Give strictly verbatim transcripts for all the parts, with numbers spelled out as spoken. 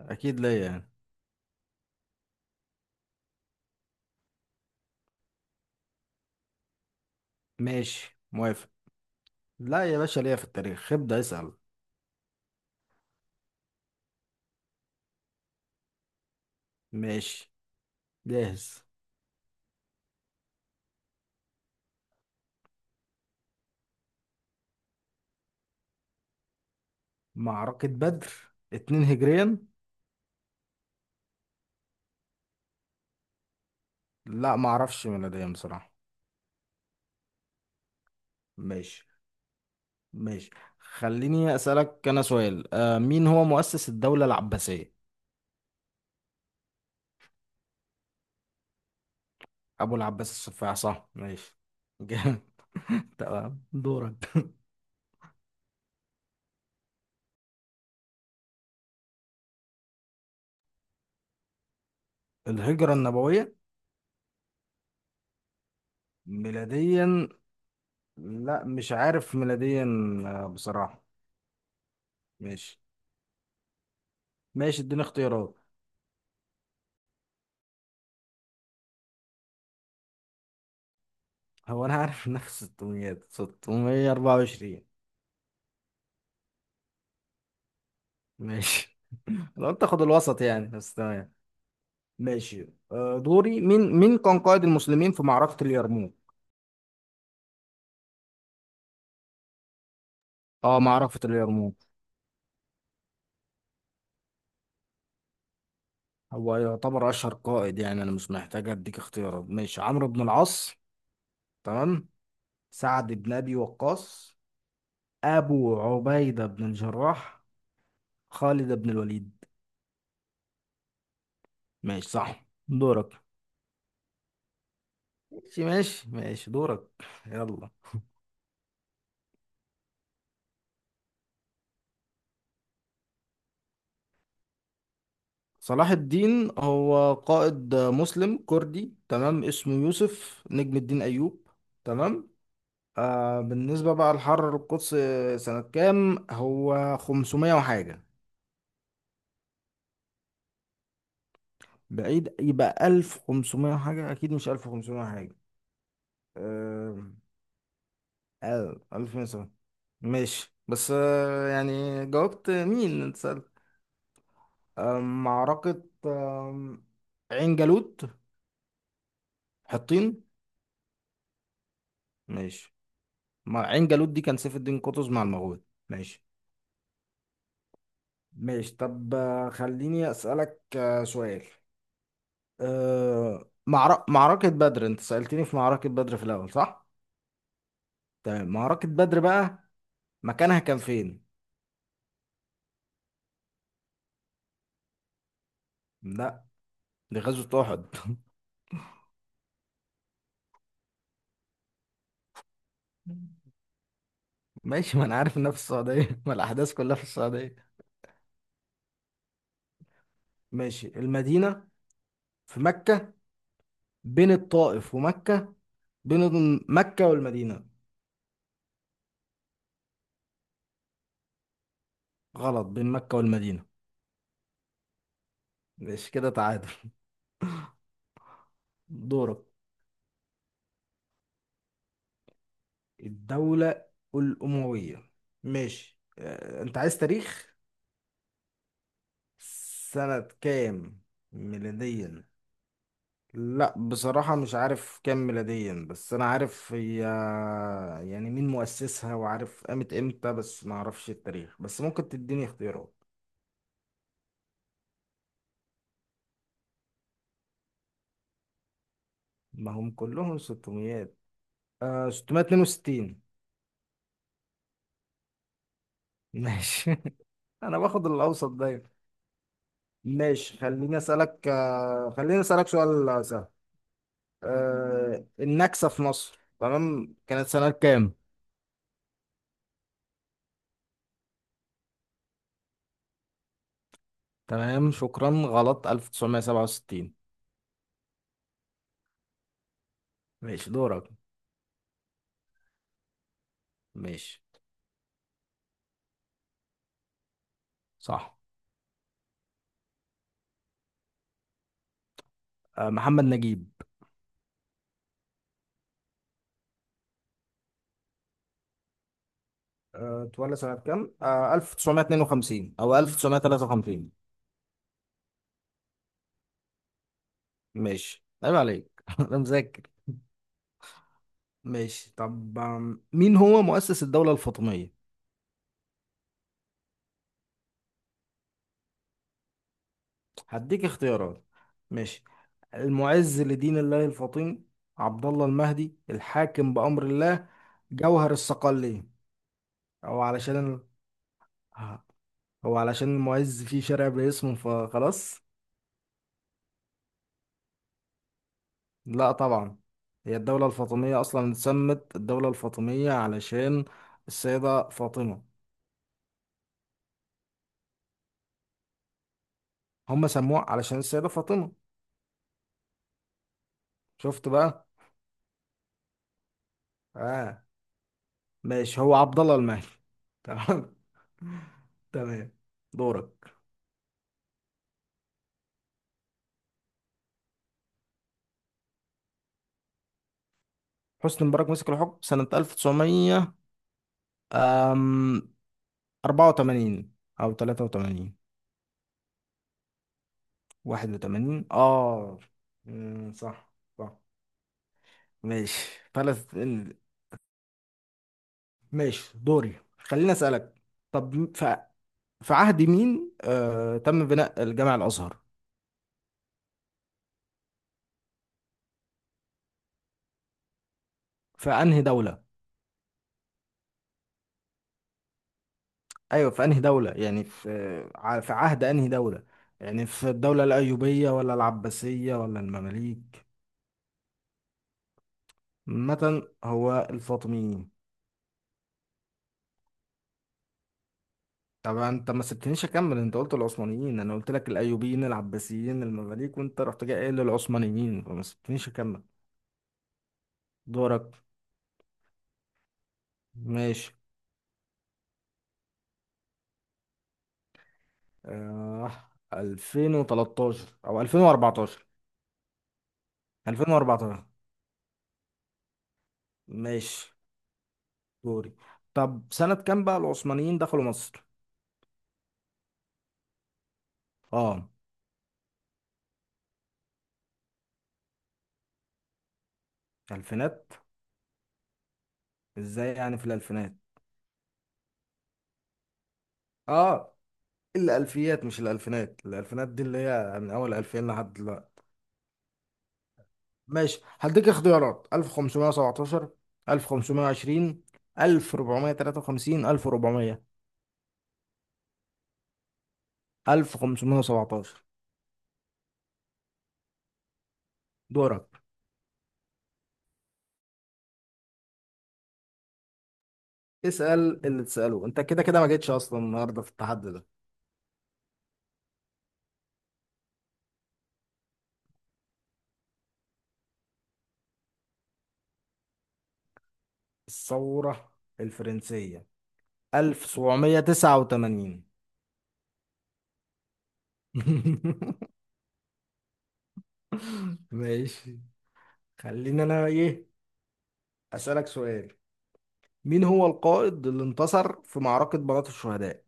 اكيد ليا يعني. ماشي، موافق. لا يا باشا، ليا في التاريخ. ابدأ اسأل. ماشي، جاهز. معركة بدر، اتنين هجريا. لا معرفش ميلاديا بصراحة. ماشي، ماشي. خليني اسألك انا سؤال. آه مين هو مؤسس الدولة العباسية؟ ابو العباس السفاح، صح. ماشي، جامد. تمام، دورك. الهجرة النبوية، ميلاديا. لا مش عارف ميلاديا، آه، بصراحة. ماشي، ماشي، اديني اختيارات. هو انا عارف انها في ستمائة، ستمائة وأربعة وعشرين. ماشي. لو انت خد الوسط يعني، بس تمام. ماشي، آه، دوري. مين مين كان قائد المسلمين في معركة اليرموك؟ اه، معركة اليرموك. هو يعتبر اشهر قائد، يعني انا مش محتاج اديك اختيارات. ماشي، عمرو بن العاص، تمام، سعد بن ابي وقاص، ابو عبيدة بن الجراح، خالد بن الوليد. ماشي، صح، دورك. ماشي، ماشي، ماشي، دورك، يلا. صلاح الدين هو قائد مسلم كردي، تمام. اسمه يوسف نجم الدين أيوب، تمام. آه بالنسبة بقى لحرر القدس، سنة كام؟ هو خمسمية وحاجة. بعيد، يبقى ألف وخمسمائة وحاجة. أكيد مش ألف وخمسمائة وحاجة. آه آه، ألف ومتين سنة. ماشي، بس آه يعني جاوبت. مين أنت سألت؟ آه معركة، آه عين جالوت. حطين. ماشي. ما عين جالوت دي كان سيف الدين قطز مع المغول. ماشي، ماشي. طب، آه، خليني أسألك آه، سؤال. أه... معر... معركة بدر. انت سألتني في معركة بدر في الأول، صح؟ تمام، معركة بدر بقى، مكانها كان فين؟ لا، دي غزوة أحد. ماشي، ما أنا عارف إنها في السعودية. ما الأحداث كلها في السعودية. ماشي، المدينة، في مكة، بين الطائف ومكة، بين مكة والمدينة. غلط، بين مكة والمدينة. ماشي، كده تعادل. دورك. الدولة الأموية. ماشي، آه، أنت عايز تاريخ؟ سنة كام، ميلاديا؟ لا بصراحة مش عارف كام ميلاديا، بس أنا عارف هي. يعني مين مؤسسها، وعارف قامت إمتى، بس ما أعرفش التاريخ. بس ممكن تديني اختيارات. ما هم كلهم ستمائة. آه ستمائة واثنين وستين. ماشي، أنا باخد الأوسط دايما. ماشي، خليني أسألك آه خليني أسألك سؤال سهل. آه النكسة في مصر، تمام، كانت سنة كام؟ تمام، شكرا، غلط. ألف وتسعمية وسبعة وستين. ماشي، دورك. ماشي، صح. آه محمد نجيب. آه، اتولد سنة كام؟ آه ألف وتسعمية واتنين وخمسين أو ألف وتسعمية وتلاتة وخمسين. ماشي، عيب عليك، أنا مذاكر. ماشي، طب، آم، مين هو مؤسس الدولة الفاطمية؟ هديك اختيارات، ماشي. المعز لدين الله الفاطمي، عبد الله المهدي، الحاكم بأمر الله، جوهر الصقلية. هو علشان ال... ها- هو علشان المعز فيه شارع باسمه فخلاص. لا طبعا. هي الدولة الفاطمية أصلا اتسمت الدولة الفاطمية علشان السيدة فاطمة. هم سموها علشان السيدة فاطمة. شفت بقى. اه. ماشي، هو عبد الله المهدي، تمام. تمام، دورك. حسني مبارك مسك الحكم سنة ألف وتسعمية، أم اربعة وتمانين أو ثلاثة وثمانين، واحد وثمانين. اه. أمم، صح، صح. ماشي، بالاس ال... ماشي، دوري، خليني اسالك. طب، ف... في عهد مين آه... تم بناء الجامع الازهر؟ في انهي دوله؟ ايوه، في انهي دوله، يعني في ع- في عهد انهي دوله؟ يعني في الدوله الايوبيه ولا العباسيه ولا المماليك مثلا، هو الفاطميين. طبعا انت ما سبتنيش اكمل. انت قلت العثمانيين، انا قلت لك الايوبيين العباسيين المماليك وانت رحت جاي قايل للعثمانيين، فما سبتنيش اكمل. دورك. ماشي. آه الفين وتلتاشر او ألفين وأربعة عشر. الفين واربعتاشر. ماشي، دوري. طب سنة كام بقى العثمانيين دخلوا مصر؟ اه، الفينات. ازاي يعني في الالفينات؟ اه، الالفيات مش الالفينات. الالفينات دي اللي هي من اول الفين لحد دلوقتي. ماشي، هديك اختيارات: ألف وخمسمائة وسبعة عشر، ألف وخمسمائة وعشرين، ألف وأربعمائة وثلاثة وخمسين، ألف وأربعمائة. ألف وخمسمائة وسبعة عشر. دورك. اسأل اللي تسأله، انت كده كده ما جيتش اصلا النهارده في التحدي ده. الثورة الفرنسية، ألف وسبعمية وتسعة وتمانين. ماشي، خليني انا ايه، اسألك سؤال. مين هو القائد اللي انتصر في معركة بلاط الشهداء؟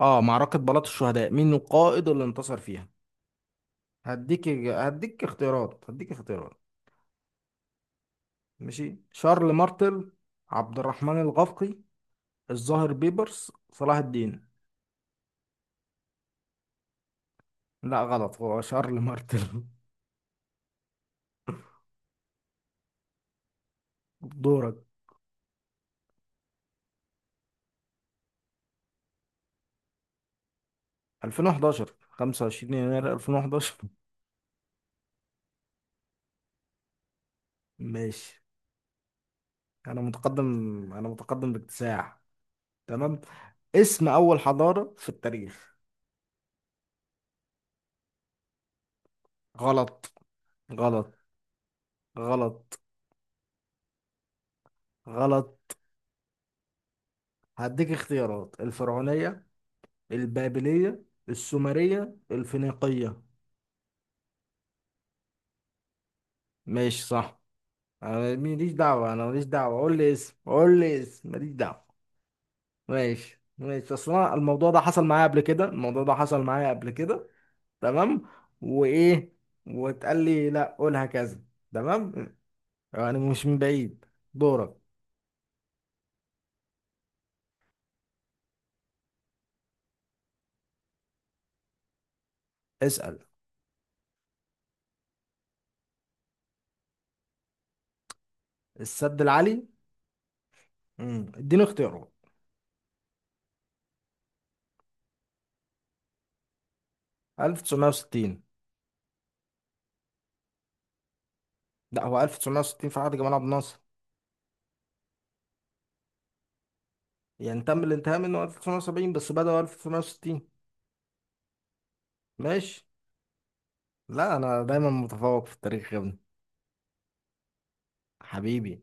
اه، معركة بلاط الشهداء، مين القائد اللي انتصر فيها؟ هديك هديك اختيارات هديك اختيارات ماشي، شارل مارتل، عبد الرحمن الغفقي، الظاهر بيبرس، صلاح الدين. لا، غلط، هو شارل مارتل. دورك. الفين وحداشر، خمسة وعشرين يناير الفين وحداشر. ماشي، انا متقدم، انا متقدم باكتساح. تمام، اسم اول حضارة في التاريخ. غلط، غلط، غلط، غلط. هديك اختيارات: الفرعونية، البابلية، السومرية، الفينيقية. ماشي، صح. انا ماليش دعوة، انا ماليش دعوة، قول لي اسم، قول لي اسم، ماليش دعوة. ماشي، ماشي، اصل أنا الموضوع ده حصل معايا قبل كده، الموضوع ده حصل معايا قبل كده. تمام، وايه وتقال لي لا قولها كذا. تمام، يعني مش من بعيد. دورك، اسأل. السد العالي. امم اديني اختياره. ألف وتسعمية وستين. لا، هو ألف وتسعمية وستين في عهد جمال عبد الناصر. يعني تم الانتهاء منه ألف وتسعمية وسبعين بس بدأوا ألف وتسعمية وستين. ماشي، لا، انا دايما متفوق في التاريخ يا ابني. حبيبي.